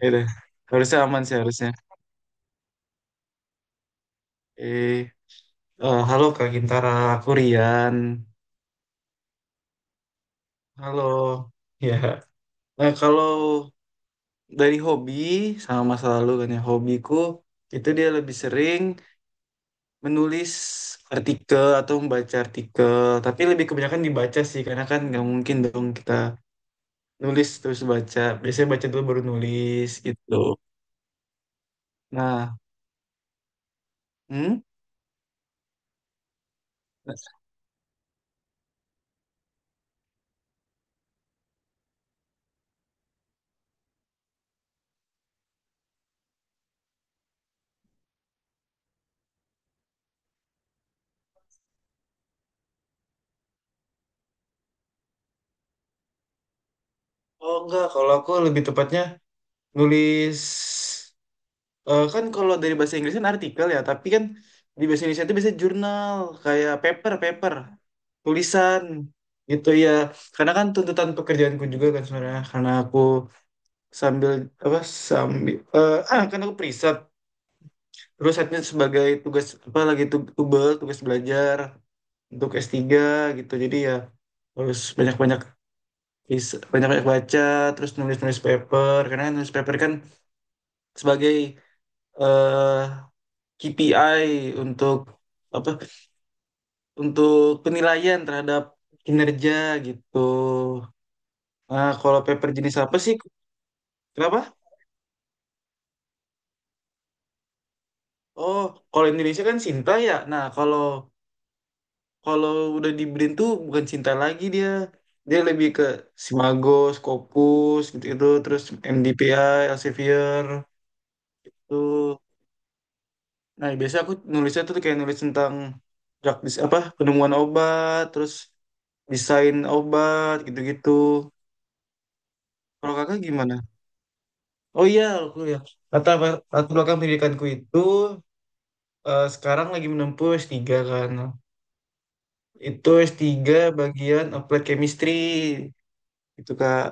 Ya udah. Harusnya aman sih harusnya. Eh, Halo Kak Gintara, aku Rian. Halo. Ya. Nah, kalau dari hobi sama masa lalu kan ya, hobiku itu dia lebih sering menulis artikel atau membaca artikel, tapi lebih kebanyakan dibaca sih karena kan nggak mungkin dong kita nulis terus baca. Biasanya baca dulu baru nulis gitu. Nah, hmm? Oh enggak, kalau aku lebih tepatnya nulis. Kan kalau dari bahasa Inggris kan artikel ya, tapi kan di bahasa Indonesia itu biasanya jurnal, kayak paper, paper, tulisan gitu ya. Karena kan tuntutan pekerjaanku juga kan sebenarnya, karena aku sambil apa sambil kan aku preset, terus setnya sebagai tugas apa lagi tubel, tugas belajar untuk S3 gitu. Jadi ya harus banyak-banyak baca, terus nulis-nulis paper, karena nulis paper kan sebagai eh KPI untuk apa untuk penilaian terhadap kinerja gitu. Nah, kalau paper jenis apa sih? Kenapa? Oh, kalau Indonesia kan Sinta ya. Nah, kalau kalau udah di BRIN tuh bukan Sinta lagi dia. Dia lebih ke Simago, Scopus gitu-gitu, terus MDPI, Elsevier tuh. Nah, biasanya aku nulisnya tuh kayak nulis tentang apa penemuan obat, terus desain obat gitu-gitu. Kalau kakak gimana? Oh iya, aku ya. Latar belakang pendidikanku itu sekarang lagi menempuh S3 kan. Itu S3 bagian Applied Chemistry itu Kak.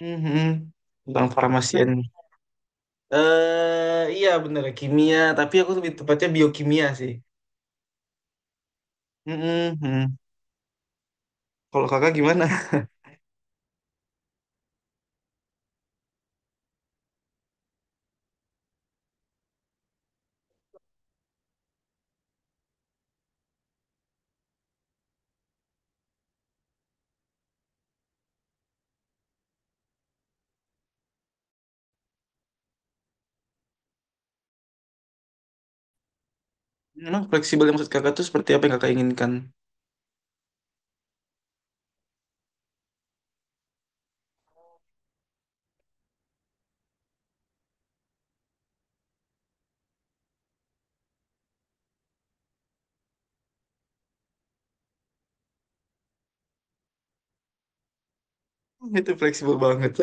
Mhm. Tentang farmasian. Iya bener kimia, tapi aku lebih tepatnya biokimia sih. Mhm. Kalau Kakak gimana? Memang fleksibel yang maksud Kakak tuh seperti apa yang Kakak inginkan? Itu fleksibel banget.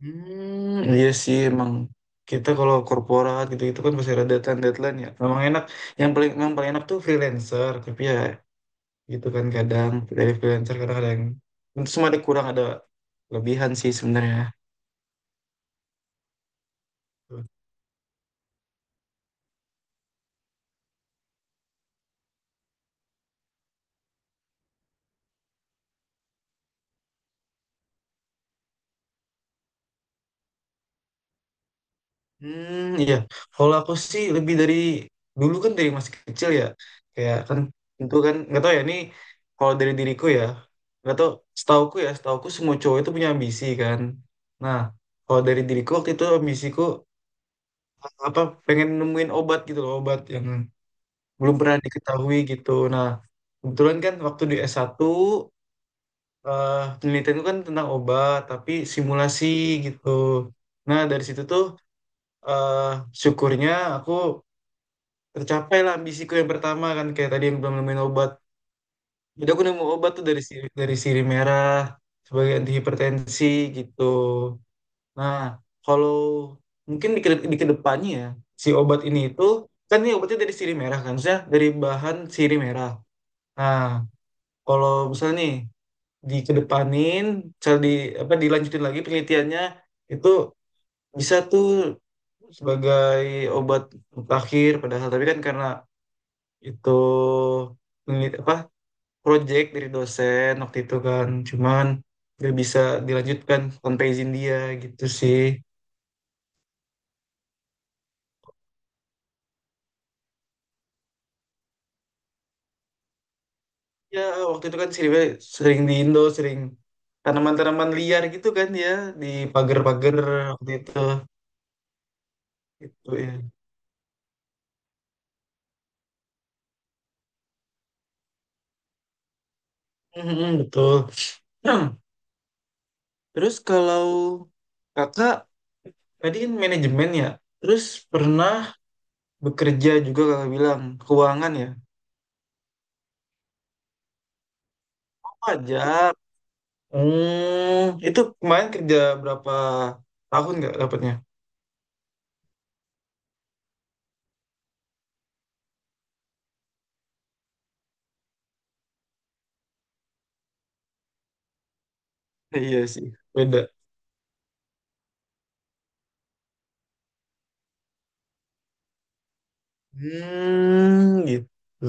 Hmm, iya sih emang kita kalau korporat gitu-gitu kan masih ada deadline deadline ya. Memang enak. Yang paling enak tuh freelancer. Tapi ya gitu kan kadang dari freelancer kadang ada yang itu semua ada kurang ada lebihan sih sebenarnya. Hmm, iya. Kalau aku sih lebih dari dulu kan dari masih kecil ya. Kayak kan itu kan nggak tahu ya ini kalau dari diriku ya. Nggak tahu setauku ya, setauku semua cowok itu punya ambisi kan. Nah, kalau dari diriku waktu itu ambisiku apa pengen nemuin obat gitu loh, obat yang belum pernah diketahui gitu. Nah, kebetulan kan waktu di S1 penelitian itu kan tentang obat tapi simulasi gitu. Nah, dari situ tuh eh, syukurnya aku tercapai lah ambisiku yang pertama kan kayak tadi yang belum nemuin obat. Jadi aku nemu obat tuh dari dari sirih merah sebagai anti hipertensi gitu. Nah, kalau mungkin di kedepannya ya, si obat ini itu, kan ini obatnya dari sirih merah kan, maksudnya dari bahan sirih merah. Nah, kalau misalnya nih, dikedepanin, misal di, apa, dilanjutin lagi penelitiannya, itu bisa tuh sebagai obat akhir padahal, tapi kan karena itu apa, project dari dosen waktu itu kan, cuman gak bisa dilanjutkan tanpa izin dia gitu sih. Ya, waktu itu kan sering di Indo, sering tanaman-tanaman liar gitu kan ya, di pagar-pagar waktu itu. Gitu ya. Mhm, betul. Terus kalau kakak tadi kan manajemen ya, terus pernah bekerja juga kakak bilang, keuangan ya, pajak. Hmm, itu kemarin kerja berapa tahun nggak dapatnya? Iya sih, beda. Hmm, gitu.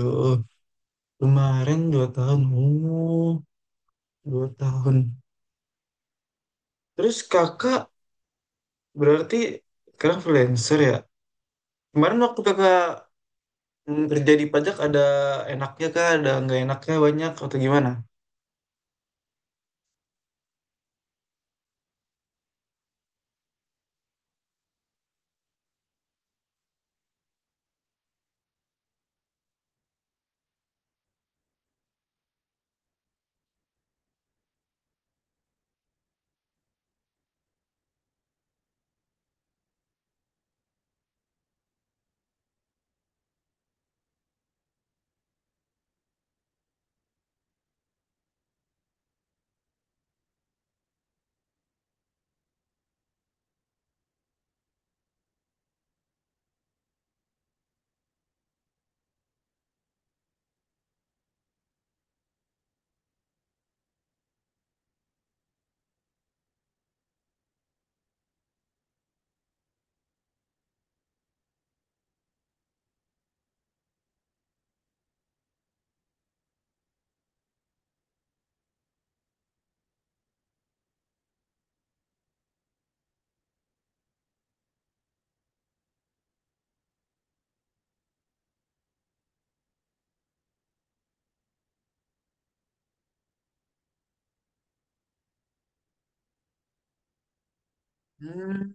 Kemarin 2 tahun. 2 tahun. Terus kakak berarti sekarang freelancer ya? Kemarin waktu kakak kerja di pajak ada enaknya kah? Ada nggak enaknya banyak atau gimana? Hmm,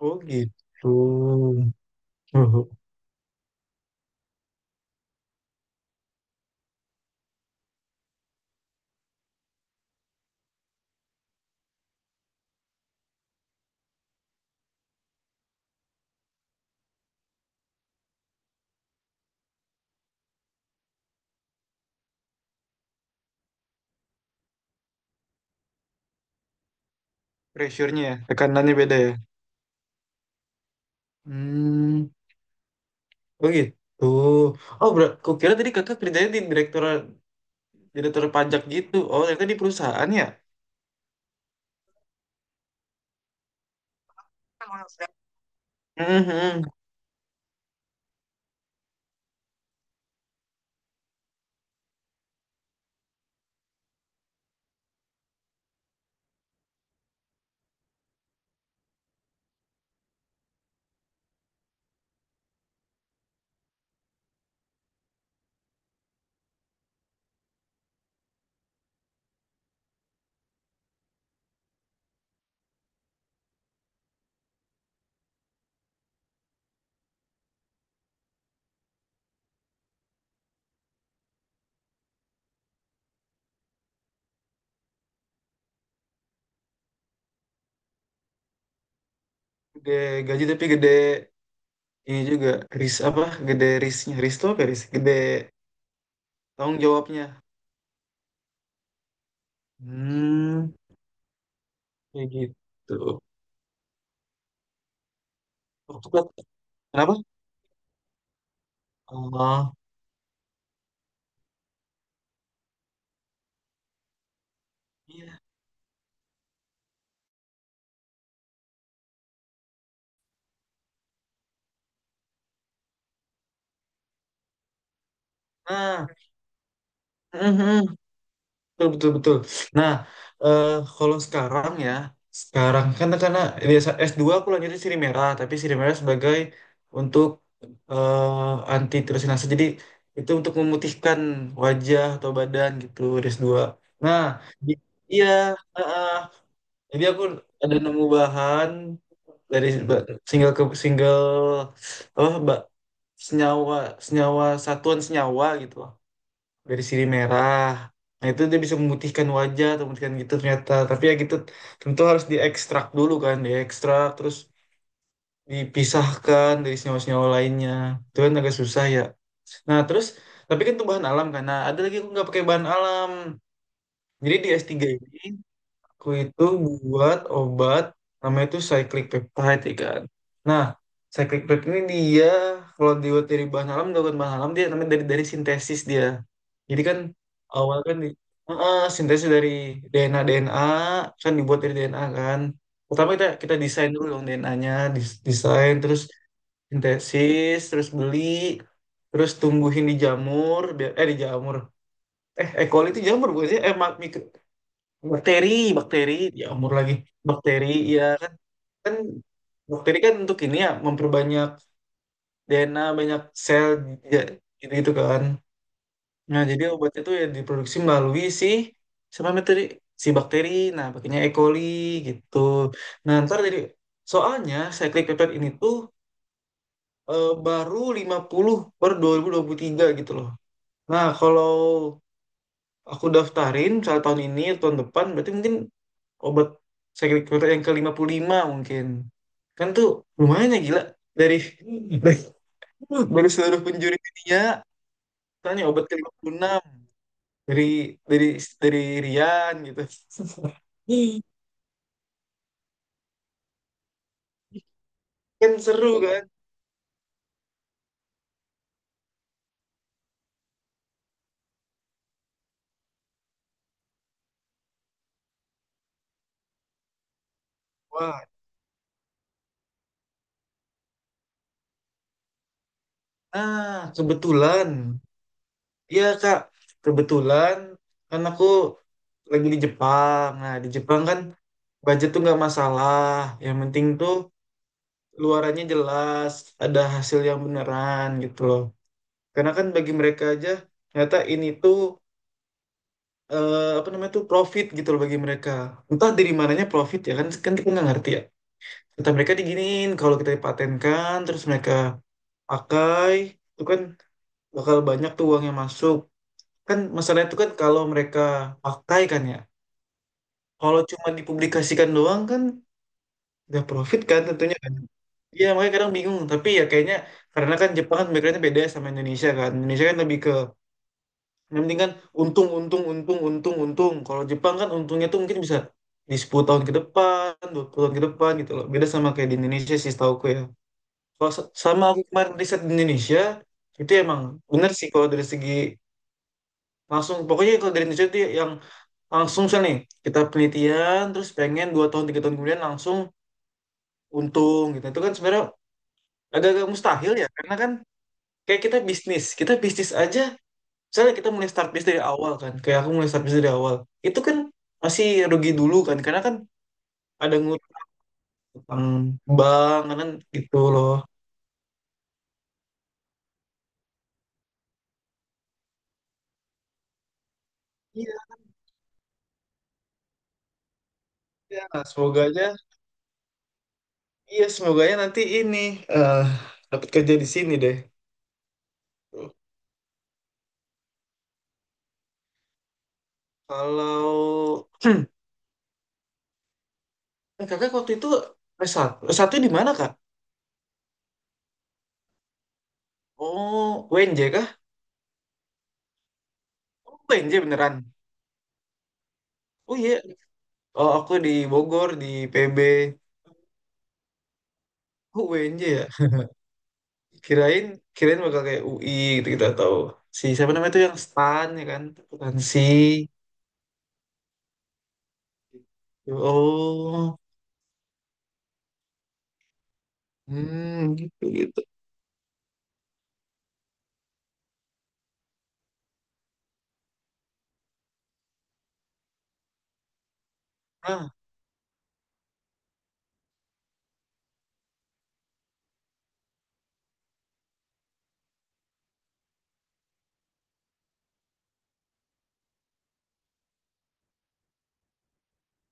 oh gitu. Oh, pressure-nya ya, tekanannya beda ya? Hmm, oh gitu. Oh, bro, kukira tadi kakak kerjanya di direktur direktur pajak gitu. Oh, ternyata di perusahaan ya? Mhm. Gede gaji tapi gede. Ini juga ris apa gede risnya, ris tuh apa ya, ris gede, tanggung jawabnya. Hmm, kayak gitu. Waktu kenapa, oh iya, nah mhm, betul betul betul. Nah, eh, kalau sekarang ya, sekarang kan karena di S2 aku lanjutnya siri merah, tapi siri merah sebagai untuk anti tirosinase. Jadi itu untuk memutihkan wajah atau badan gitu di S2. Nah, di- iya heeh. Jadi aku ada nemu bahan dari single ke single, apa mbak, senyawa senyawa satuan, senyawa gitu loh, dari sirih merah. Nah itu dia bisa memutihkan wajah atau memutihkan gitu ternyata. Tapi ya gitu, tentu harus diekstrak dulu kan, diekstrak terus dipisahkan dari senyawa-senyawa lainnya. Itu kan agak susah ya. Nah terus, tapi kan itu bahan alam kan. Nah ada lagi aku nggak pakai bahan alam. Jadi di S3 ini aku itu buat obat namanya itu cyclic peptide ya kan. Nah, cyclic peptide ini dia kalau dibuat dari bahan alam, dibuat bahan alam dia namanya dari sintesis dia. Jadi kan awal kan di, heeh, sintesis dari DNA DNA kan dibuat dari DNA kan. Pertama kita kita desain dulu dong DNA-nya, desain terus sintesis, terus beli, terus tumbuhin di jamur, di jamur. E. coli itu jamur bukan sih? Bakteri, bakteri, ya umur lagi. Bakteri, ya kan, kan bakteri kan untuk ini ya memperbanyak DNA, banyak sel, ya, gitu, gitu kan. Nah, jadi obat itu ya diproduksi melalui si sama materi si bakteri. Nah, pakainya E. coli gitu. Nah, ntar jadi soalnya cyclic peptide ini tuh baru 50 per dua 2023 gitu loh. Nah, kalau aku daftarin misalnya tahun ini tahun depan berarti mungkin obat sakit perut yang ke-55 mungkin. Kan tuh lumayan ya, gila. Dari, dari, dari seluruh penjuri dunia, tanya obat ke-56 dari, dari, dari Rian gitu. Kan seru kan? Wah, nah kebetulan. Iya Kak, kebetulan kan aku lagi di Jepang. Nah, di Jepang kan budget tuh nggak masalah. Yang penting tuh luarannya jelas, ada hasil yang beneran gitu loh. Karena kan bagi mereka aja ternyata ini tuh apa namanya tuh profit gitu loh bagi mereka. Entah dari mananya profit ya kan, kita nggak ngerti ya. Kata mereka diginiin kalau kita dipatenkan terus mereka pakai itu kan bakal banyak tuh uang yang masuk. Kan masalahnya itu kan kalau mereka pakai kan ya. Kalau cuma dipublikasikan doang kan nggak profit kan tentunya kan. Iya makanya kadang bingung, tapi ya kayaknya karena kan Jepang kan backgroundnya beda ya sama Indonesia kan. Indonesia kan lebih ke yang penting kan untung, untung, untung, untung, untung. Kalau Jepang kan untungnya tuh mungkin bisa di 10 tahun ke depan, 20 tahun ke depan gitu loh. Beda sama kayak di Indonesia sih setahuku ya. Kalau sama aku kemarin riset di Indonesia, itu emang bener sih kalau dari segi langsung. Pokoknya kalau dari Indonesia itu yang langsung misalnya nih, kita penelitian, terus pengen 2 tahun, 3 tahun kemudian langsung untung gitu. Itu kan sebenarnya agak-agak mustahil ya. Karena kan kayak kita bisnis aja, misalnya kita mulai start base dari awal kan, kayak aku mulai start base dari awal itu kan masih rugi dulu kan karena kan ada ngutang, utang bank kan gitu loh, iya iya. Semoga aja, iya semoga aja nanti ini eh dapat kerja di sini deh. Kalau kakak waktu itu s satu S1 di mana kak? Oh UNJ kah? Oh UNJ beneran? Oh iya. Oh aku di Bogor di PB. Oh UNJ ya, kirain kirain bakal kayak UI gitu gitu, atau si siapa namanya tuh yang stan ya kan akuntansi. Oh, hmm, gitu gitu. Nah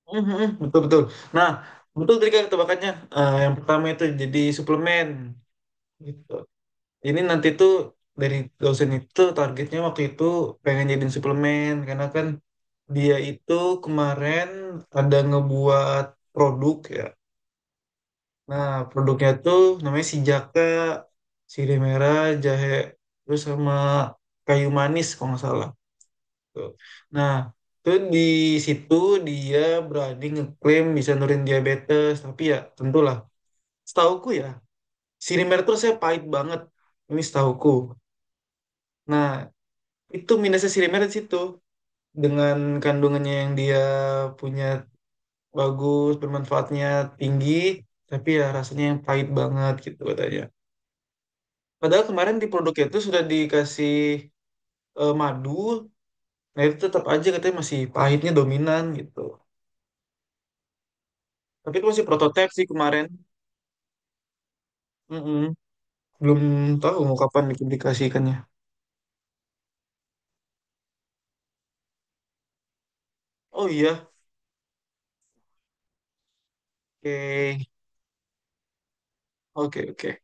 betul betul. Nah betul, tadi kan tebakannya. Yang pertama itu jadi suplemen gitu, ini nanti tuh dari dosen itu targetnya waktu itu pengen jadiin suplemen karena kan dia itu kemarin ada ngebuat produk ya. Nah, produknya tuh namanya si jaka, sirih merah, jahe, terus sama kayu manis kalau nggak salah. Tuh. Nah, tuh di situ dia berani ngeklaim bisa nurin diabetes, tapi ya tentulah. Setauku ya, sirih merah tuh saya pahit banget. Ini setauku. Nah, itu minusnya sirih merah di situ. Dengan kandungannya yang dia punya bagus, bermanfaatnya tinggi, tapi ya rasanya yang pahit banget gitu katanya. Padahal kemarin di produknya itu sudah dikasih madu, nah itu tetap aja katanya masih pahitnya dominan gitu. Tapi itu masih prototipe sih kemarin. Mm-mm. Belum tahu mau kapan dipublikasikannya. Oh iya, oke, oke, oke.